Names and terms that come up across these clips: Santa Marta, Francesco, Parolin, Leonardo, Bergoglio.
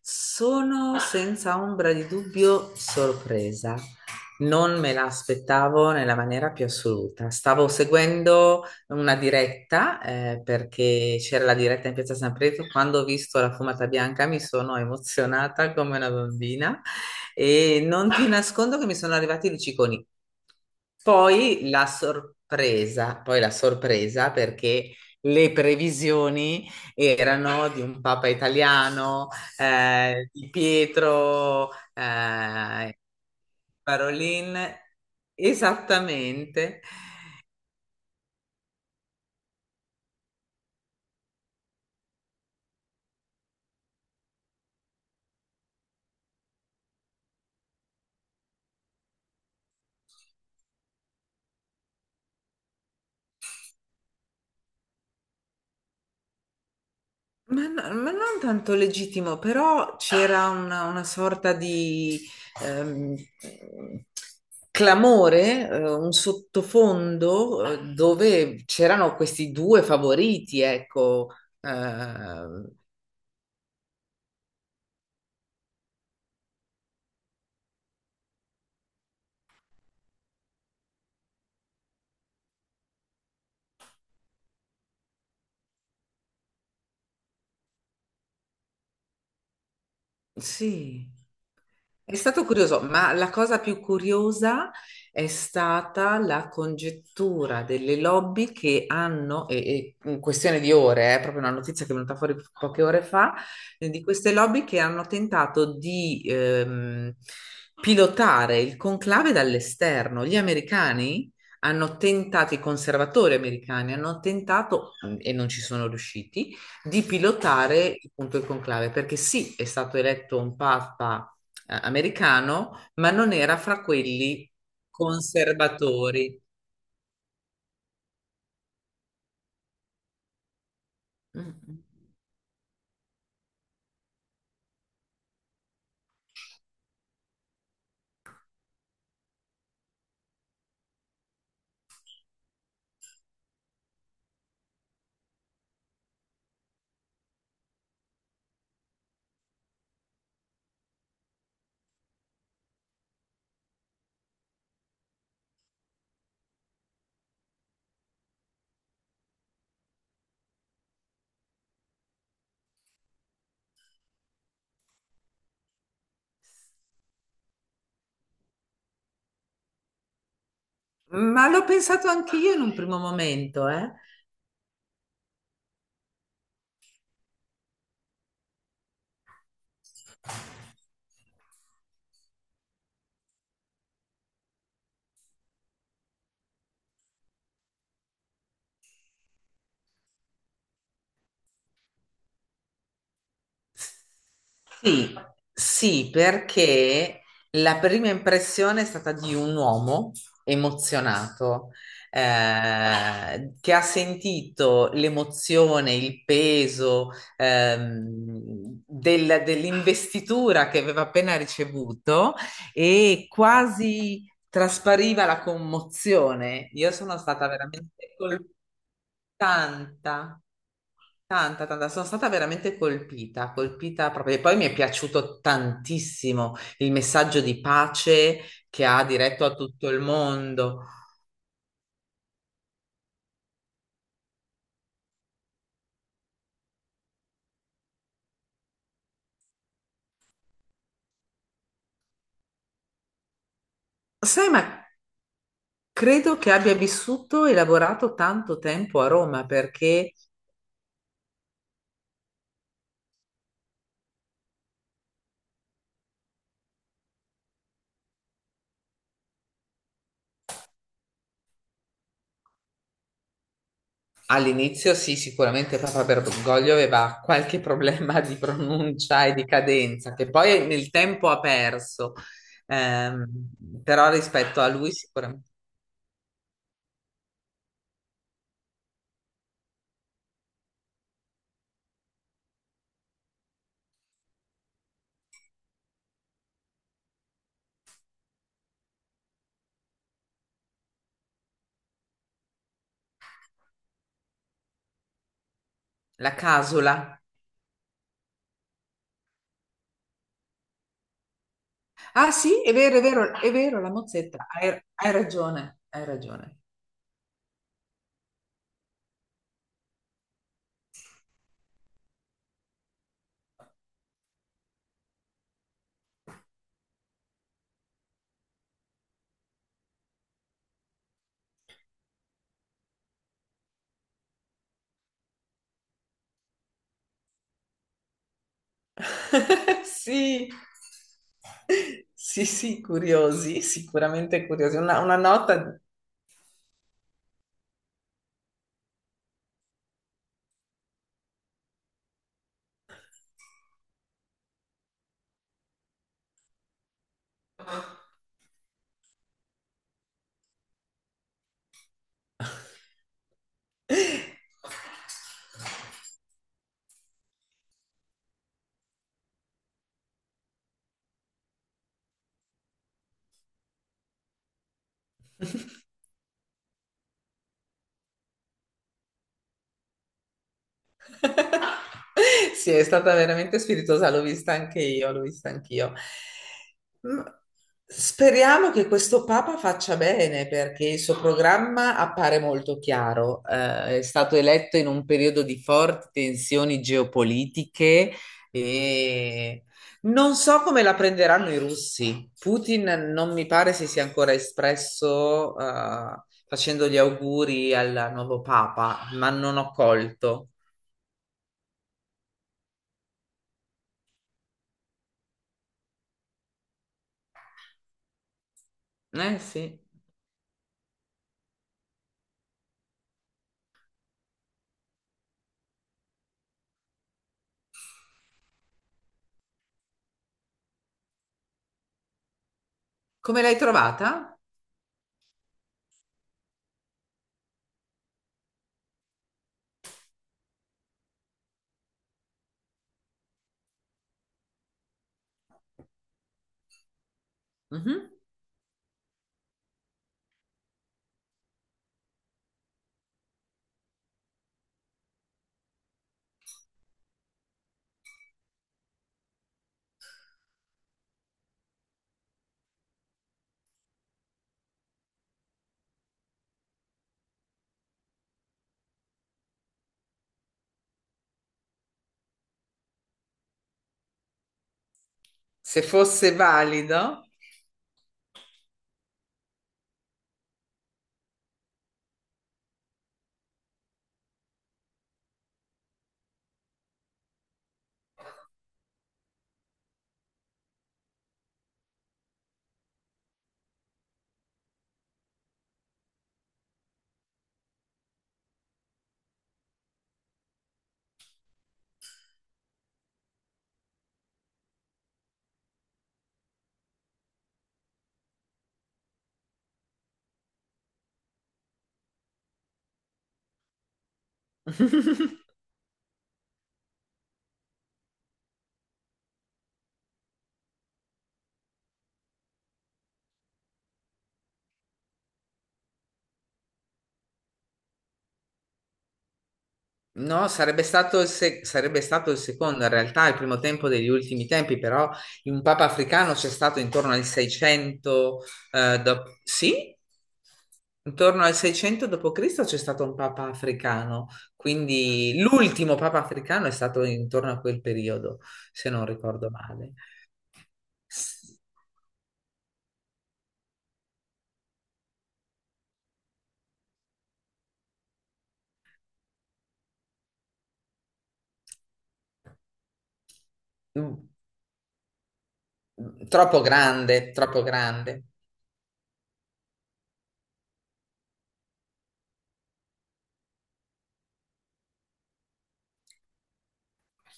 Sono senza ombra di dubbio sorpresa. Non me la aspettavo nella maniera più assoluta. Stavo seguendo una diretta, perché c'era la diretta in Piazza San Pietro. Quando ho visto la fumata bianca mi sono emozionata come una bambina e non ti nascondo che mi sono arrivati i luciconi. Poi la sorpresa perché le previsioni erano di un papa italiano, di Pietro, Parolin, esattamente. Ma non tanto legittimo, però c'era una sorta di ehm, clamore, un sottofondo dove c'erano questi due favoriti, ecco. Eh, sì. È stato curioso, ma la cosa più curiosa è stata la congettura delle lobby che hanno, e in questione di ore, è proprio una notizia che è venuta fuori poche ore fa, di queste lobby che hanno tentato di pilotare il conclave dall'esterno. Gli americani hanno tentato, i conservatori americani hanno tentato, e non ci sono riusciti, di pilotare appunto il conclave, perché sì, è stato eletto un papa americano, ma non era fra quelli conservatori. Mm. Ma l'ho pensato anche io in un primo momento, eh. Sì, sì, perché la prima impressione è stata di un uomo emozionato, che ha sentito l'emozione, il peso, dell'investitura che aveva appena ricevuto e quasi traspariva la commozione. Io sono stata veramente colpita. Tanta, tanta, sono stata veramente colpita, colpita proprio. E poi mi è piaciuto tantissimo il messaggio di pace che ha diretto a tutto il mondo. Sai, ma credo che abbia vissuto e lavorato tanto tempo a Roma perché all'inizio sì, sicuramente Papa Bergoglio aveva qualche problema di pronuncia e di cadenza che poi nel tempo ha perso, Ehm, però rispetto a lui sicuramente la Casula. Ah sì, è vero, è vero, è vero, la mozzetta. Hai ragione, hai ragione. Sì, sì, sì, curiosi, sicuramente curiosi. Una nota. Sì, è stata veramente spiritosa, l'ho vista anche io, l'ho vista anch'io. Mm, Speriamo che questo Papa faccia bene perché il suo programma appare molto chiaro. È stato eletto in un periodo di forti tensioni geopolitiche e non so come la prenderanno i russi. Putin non mi pare si sia ancora espresso, facendo gli auguri al nuovo Papa, ma non ho colto. Eh sì. Come l'hai trovata? Mhm. Se fosse valido. No, sarebbe stato il secondo, in realtà il primo tempo degli ultimi tempi, però in Papa Africano c'è stato intorno al 600, sì, intorno al 600 d.C. c'è stato un Papa Africano, quindi l'ultimo Papa Africano è stato intorno a quel periodo, se non ricordo male. S- mm, Troppo grande, troppo grande.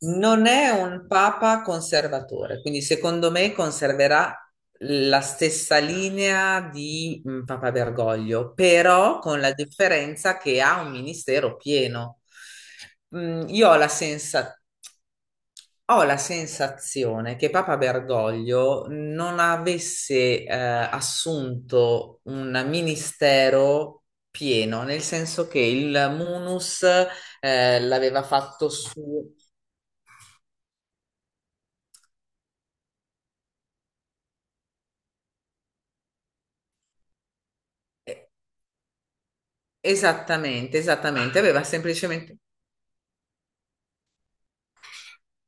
Non è un papa conservatore, quindi secondo me conserverà la stessa linea di Papa Bergoglio, però con la differenza che ha un ministero pieno. Io ho la sensazione che Papa Bergoglio non avesse assunto un ministero pieno, nel senso che il munus l'aveva fatto su. eh, Esattamente, esattamente, aveva semplicemente...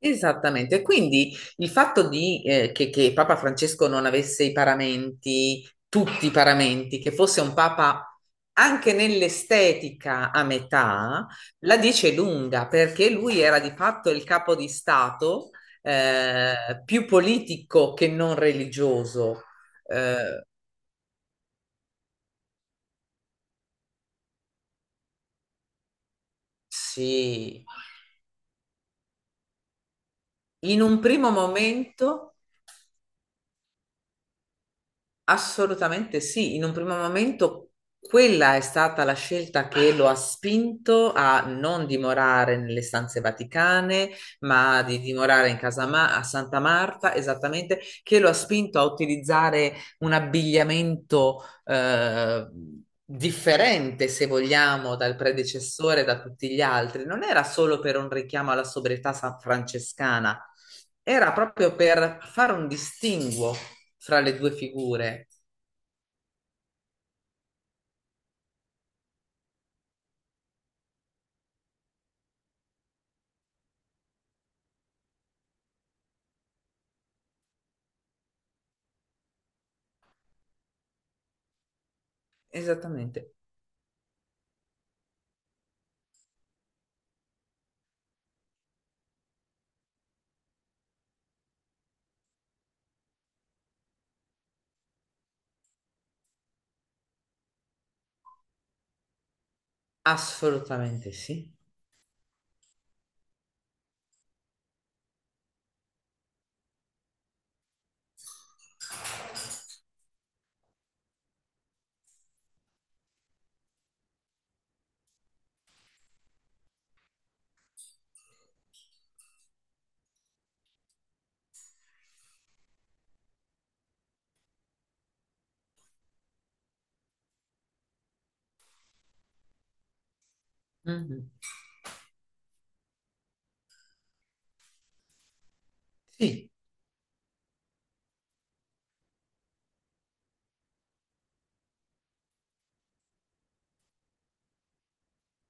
Esattamente, quindi il fatto di, che Papa Francesco non avesse i paramenti, tutti i paramenti, che fosse un Papa anche nell'estetica a metà, la dice lunga, perché lui era di fatto il capo di Stato, più politico che non religioso. Eh, sì, in un primo momento... Assolutamente sì, in un primo momento quella è stata la scelta che lo ha spinto a non dimorare nelle stanze vaticane, ma di dimorare in casa a Santa Marta, esattamente, che lo ha spinto a utilizzare un abbigliamento eh, differente, se vogliamo, dal predecessore, da tutti gli altri, non era solo per un richiamo alla sobrietà francescana, era proprio per fare un distinguo fra le due figure. Esattamente, assolutamente sì. Mhm. Sì.